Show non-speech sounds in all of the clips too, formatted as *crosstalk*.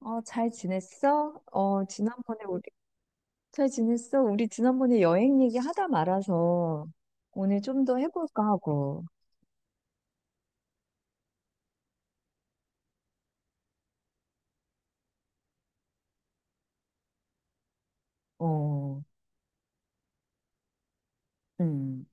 어, 잘 지냈어? 어, 지난번에 우리, 잘 지냈어? 우리 지난번에 여행 얘기 하다 말아서 오늘 좀 더 해볼까 하고, 어, 음.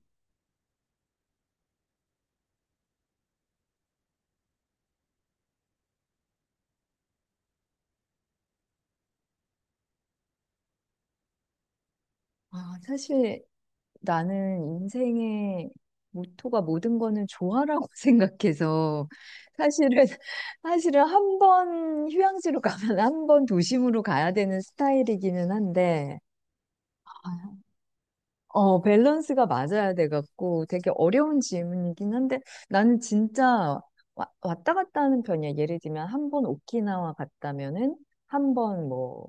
아, 사실 나는 인생의 모토가 모든 거는 좋아라고 *laughs* 생각해서 사실은, 사실은 한 번 휴양지로 가면 한 번 도심으로 가야 되는 스타일이기는 한데, 아, 어, 밸런스가 맞아야 돼갖고 되게 어려운 질문이긴 한데 나는 진짜 왔다 갔다 하는 편이야. 예를 들면 한 번 오키나와 갔다면은 한 번 뭐,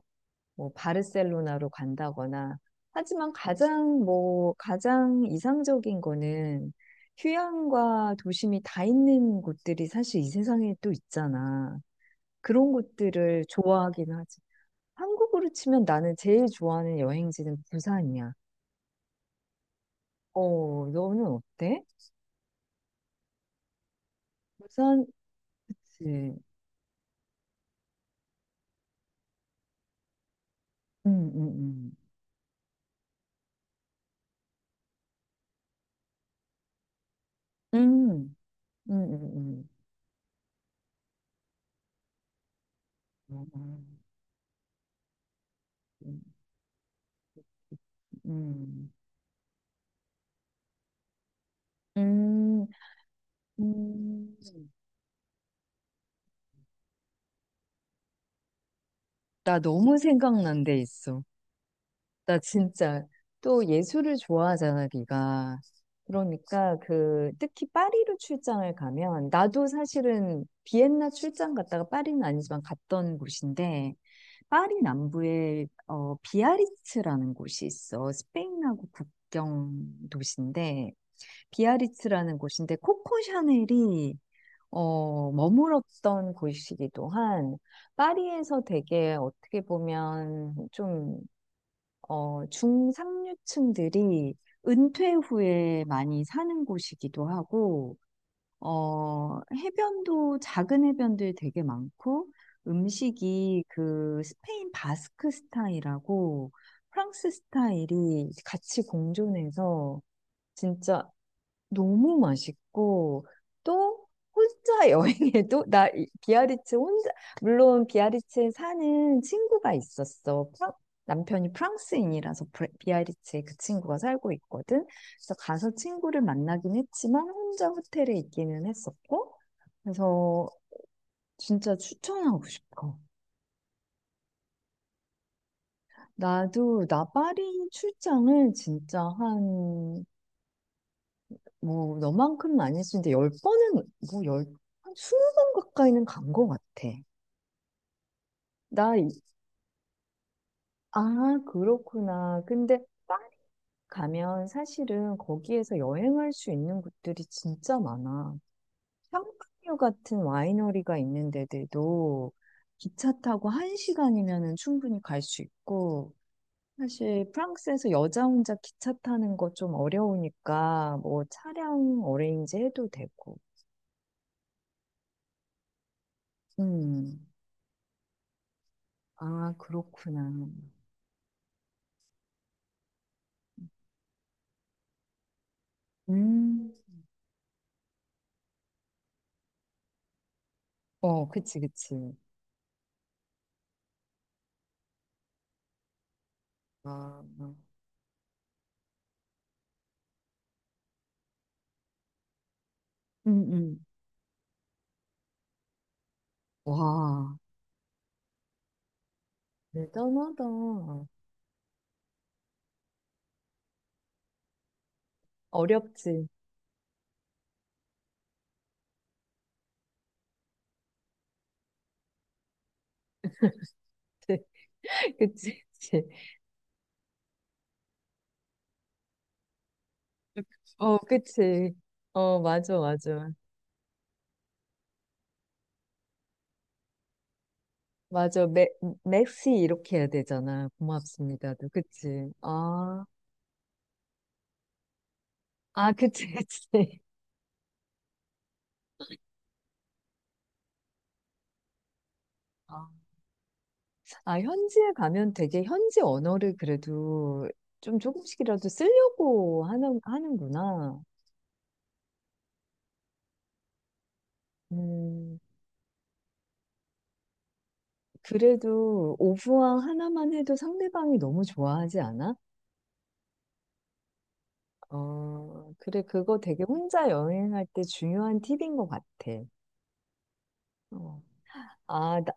뭐 바르셀로나로 간다거나 하지만 가장 뭐 가장 이상적인 거는 휴양과 도심이 다 있는 곳들이 사실 이 세상에 또 있잖아. 그런 곳들을 좋아하긴 하지. 한국으로 치면 나는 제일 좋아하는 여행지는 부산이야. 어, 너는 어때? 부산, 그치. 음, 음. 음, 음, 음, 어, 음, 음, 음. 나 너무 생각난 데 있어. 나 진짜 또 예술을 좋아하잖아, 네가. 그러니까 그 특히 파리로 출장을 가면 나도 사실은 비엔나 출장 갔다가 파리는 아니지만 갔던 곳인데 파리 남부에 어 비아리츠라는 곳이 있어. 스페인하고 국경 도시인데 비아리츠라는 곳인데 코코 샤넬이 어, 머물었던 곳이기도 한, 파리에서 되게 어떻게 보면 좀 어, 중상류층들이 은퇴 후에 많이 사는 곳이기도 하고 어, 해변도 작은 해변들 되게 많고 음식이 그 스페인 바스크 스타일하고 프랑스 스타일이 같이 공존해서 진짜 너무 맛있고 또 혼자 *laughs* 여행해도 나 비아리츠 혼자, 물론 비아리츠에 사는 친구가 있었어. 남편이 프랑스인이라서 비아리츠에 그 친구가 살고 있거든. 그래서 가서 친구를 만나긴 했지만 혼자 호텔에 있기는 했었고 그래서 진짜 추천하고 싶어. 나도 나파리 출장을 진짜 한, 뭐 너만큼은 아니었는데 열 번은 뭐열한 스무 번 가까이는 간 것 같아. 나, 아, 그렇구나. 근데 딱 가면 사실은 거기에서 여행할 수 있는 곳들이 진짜 많아. 샹파뉴 같은 와이너리가 있는 데들도 기차 타고 한 시간이면은 충분히 갈 수 있고, 사실 프랑스에서 여자 혼자 기차 타는 거 좀 어려우니까 뭐 차량 어레인지 해도 되고. 음. 아, 그렇구나. 음, 어, 그치, 그치. 아, 음, 음. 와, 대단하다. 어렵지. *laughs* 그치, 그치. 어, 그치. 어, 맞아, 맞아. 맞아. 맥, 맥시 이렇게 해야 되잖아. 고맙습니다도. 그치. 아, 아, 그치, *laughs* 그치. 아, 아, 현지에 가면 되게 현지 언어를 그래도 좀 조금씩이라도 쓰려고 하는구나. 음, 그래도 오브왕 하나만 해도 상대방이 너무 좋아하지 않아? 어, 그래, 그거 되게 혼자 여행할 때 중요한 팁인 것 같아. 어. 아, 나,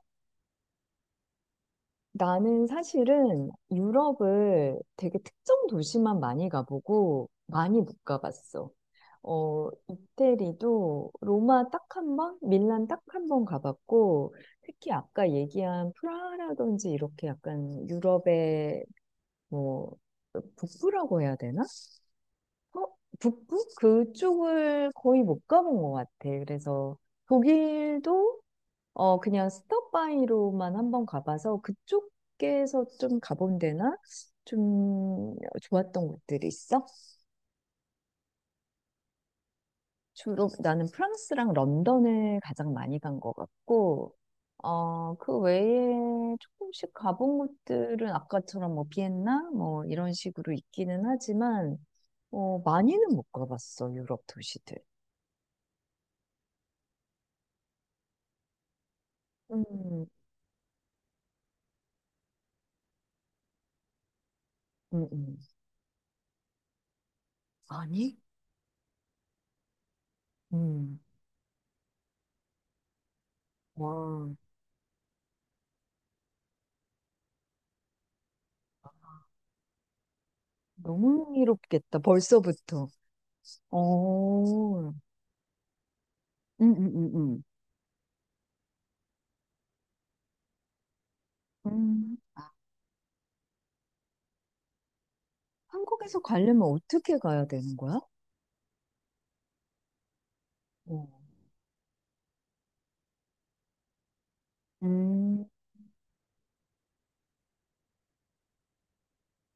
나는 사실은 유럽을 되게 특정 도시만 많이 가보고 많이 못 가봤어. 어, 이태리도 로마 딱 한 번, 밀란 딱 한 번 가봤고, 특히 아까 얘기한 프라하라든지 이렇게 약간 유럽의 뭐, 북부라고 해야 되나? 어? 북부? 그쪽을 거의 못 가본 것 같아. 그래서 독일도 어 그냥 스톱바이로만 한번 가봐서 그쪽에서 좀 가본 데나 좀 좋았던 곳들이 있어? 주로 나는 프랑스랑 런던을 가장 많이 간 것 같고 어 그 외에 조금씩 가본 곳들은 아까처럼 뭐 비엔나 뭐 이런 식으로 있기는 하지만 어 많이는 못 가봤어 유럽 도시들. 음, 음, 음. 아니? 음. 와, 너무 흥미롭겠다. 벌써부터. 어. 음, 음, 음. 음. 한국에서 가려면 어떻게 가야 되는 거야? 어. 음,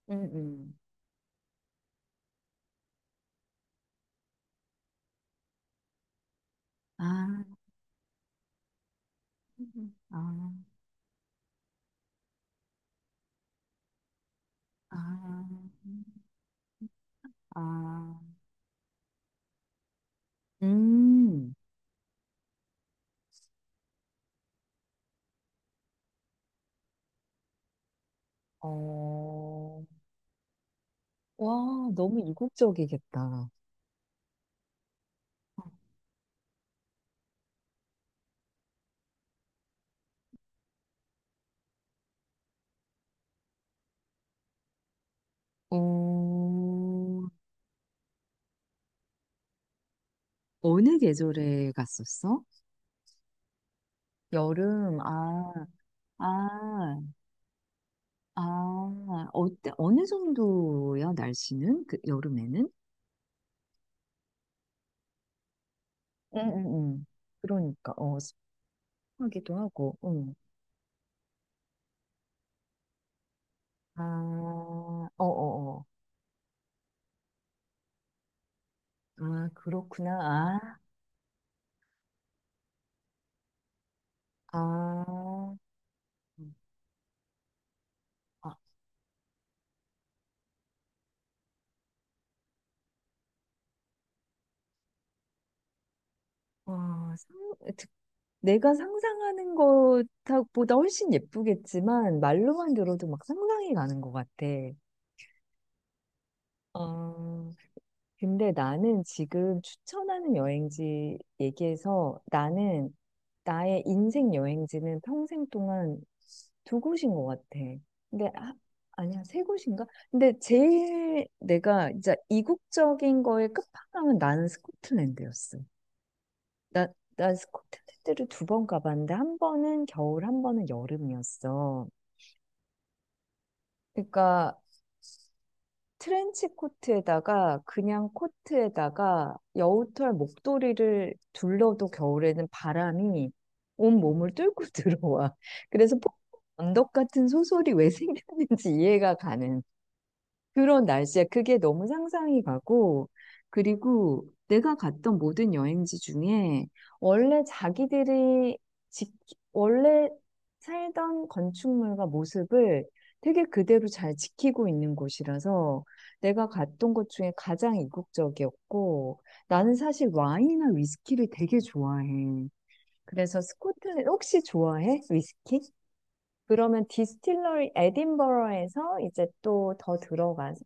음, 음. 아, 아, 아, 아. 음. 어. 와, 너무 이국적이겠다. 어, 어느 계절에 갔었어? 여름, 아, 아, 아, 어때, 어느 정도야, 날씨는? 그, 여름에는? 응응응. 그러니까 어 습하기도 하고. 응. 아, 어어어. 아 그렇구나. 아, 아, 음. 아, 와, 상, 듣- 내가 상상하는 것보다 훨씬 예쁘겠지만 말로만 들어도 막 상상이 가는 것 같아. 아, 근데 나는 지금 추천하는 여행지 얘기해서 나는 나의 인생 여행지는 평생 동안 두 곳인 것 같아. 근데 아, 아니야 세 곳인가? 근데 제일 내가 진짜 이국적인 거에 끝판왕은 나는 스코틀랜드였어. 나, 난 스코틀랜드를 두 번 가봤는데 한 번은 겨울, 한 번은 여름이었어. 그러니까 트렌치 코트에다가 그냥 코트에다가 여우털 목도리를 둘러도 겨울에는 바람이 온 몸을 뚫고 *laughs* 들어와. 그래서 폭 언덕 같은 소설이 왜 생겼는지 이해가 가는. 그런 날씨야. 그게 너무 상상이 가고, 그리고 내가 갔던 모든 여행지 중에 원래 자기들이 지, 원래 살던 건축물과 모습을 되게 그대로 잘 지키고 있는 곳이라서 내가 갔던 곳 중에 가장 이국적이었고, 나는 사실 와인이나 위스키를 되게 좋아해. 그래서 스코틀랜드 혹시 좋아해? 위스키? 그러면 디스틸러리 에딘버러에서 이제 또 더 들어가서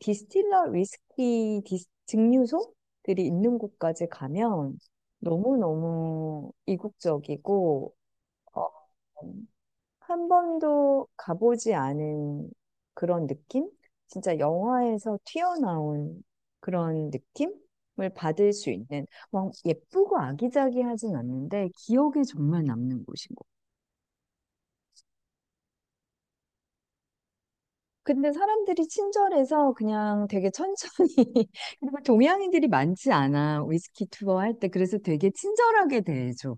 디스틸러 위스키 증류소들이 있는 곳까지 가면 너무너무 이국적이고 어, 한 번도 가보지 않은 그런 느낌? 진짜 영화에서 튀어나온 그런 느낌을 받을 수 있는 막 예쁘고 아기자기하진 않는데 기억에 정말 남는 곳인 것 같아요. 근데 사람들이 친절해서 그냥 되게 천천히, *laughs* 그리고 동양인들이 많지 않아. 위스키 투어 할 때. 그래서 되게 친절하게 대해줘.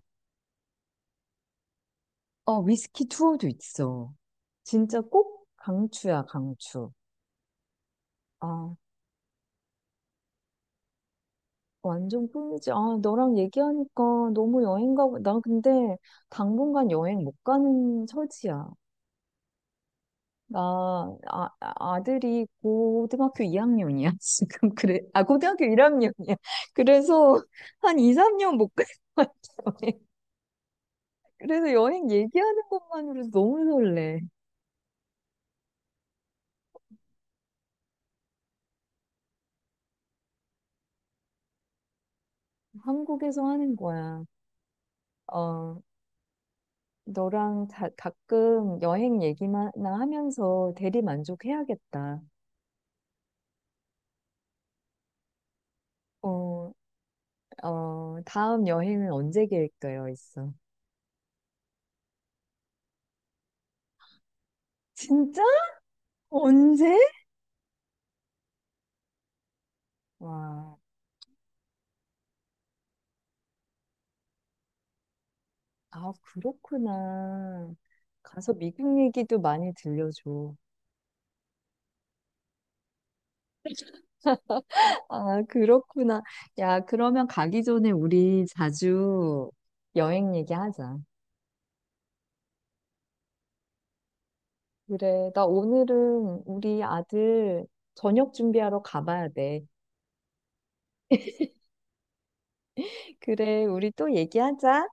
어, 위스키 투어도 있어. 진짜 꼭 강추야, 강추. 아, 완전 꿀이지. 아, 너랑 얘기하니까 너무 여행 가고, 나 근데 당분간 여행 못 가는 처지야. 나, 아들이 고등학교 이학년이야 *laughs* 지금. 그래. 아, 고등학교 1학년이야. 그래서 한 2, 3년 못 갈 것 같아. *laughs* 그래서 여행 얘기하는 것만으로도 너무 설레. 한국에서 하는 거야. 어, 너랑 다, 가끔 여행 얘기만 나 하면서 대리 만족해야겠다. 어, 어, 다음 여행은 언제 계획되어 있어? 진짜? 언제? 와. 아, 그렇구나. 가서 미국 얘기도 많이 들려줘. 아, 그렇구나. 야, 그러면 가기 전에 우리 자주 여행 얘기하자. 그래, 나 오늘은 우리 아들 저녁 준비하러 가봐야 돼. 그래, 우리 또 얘기하자.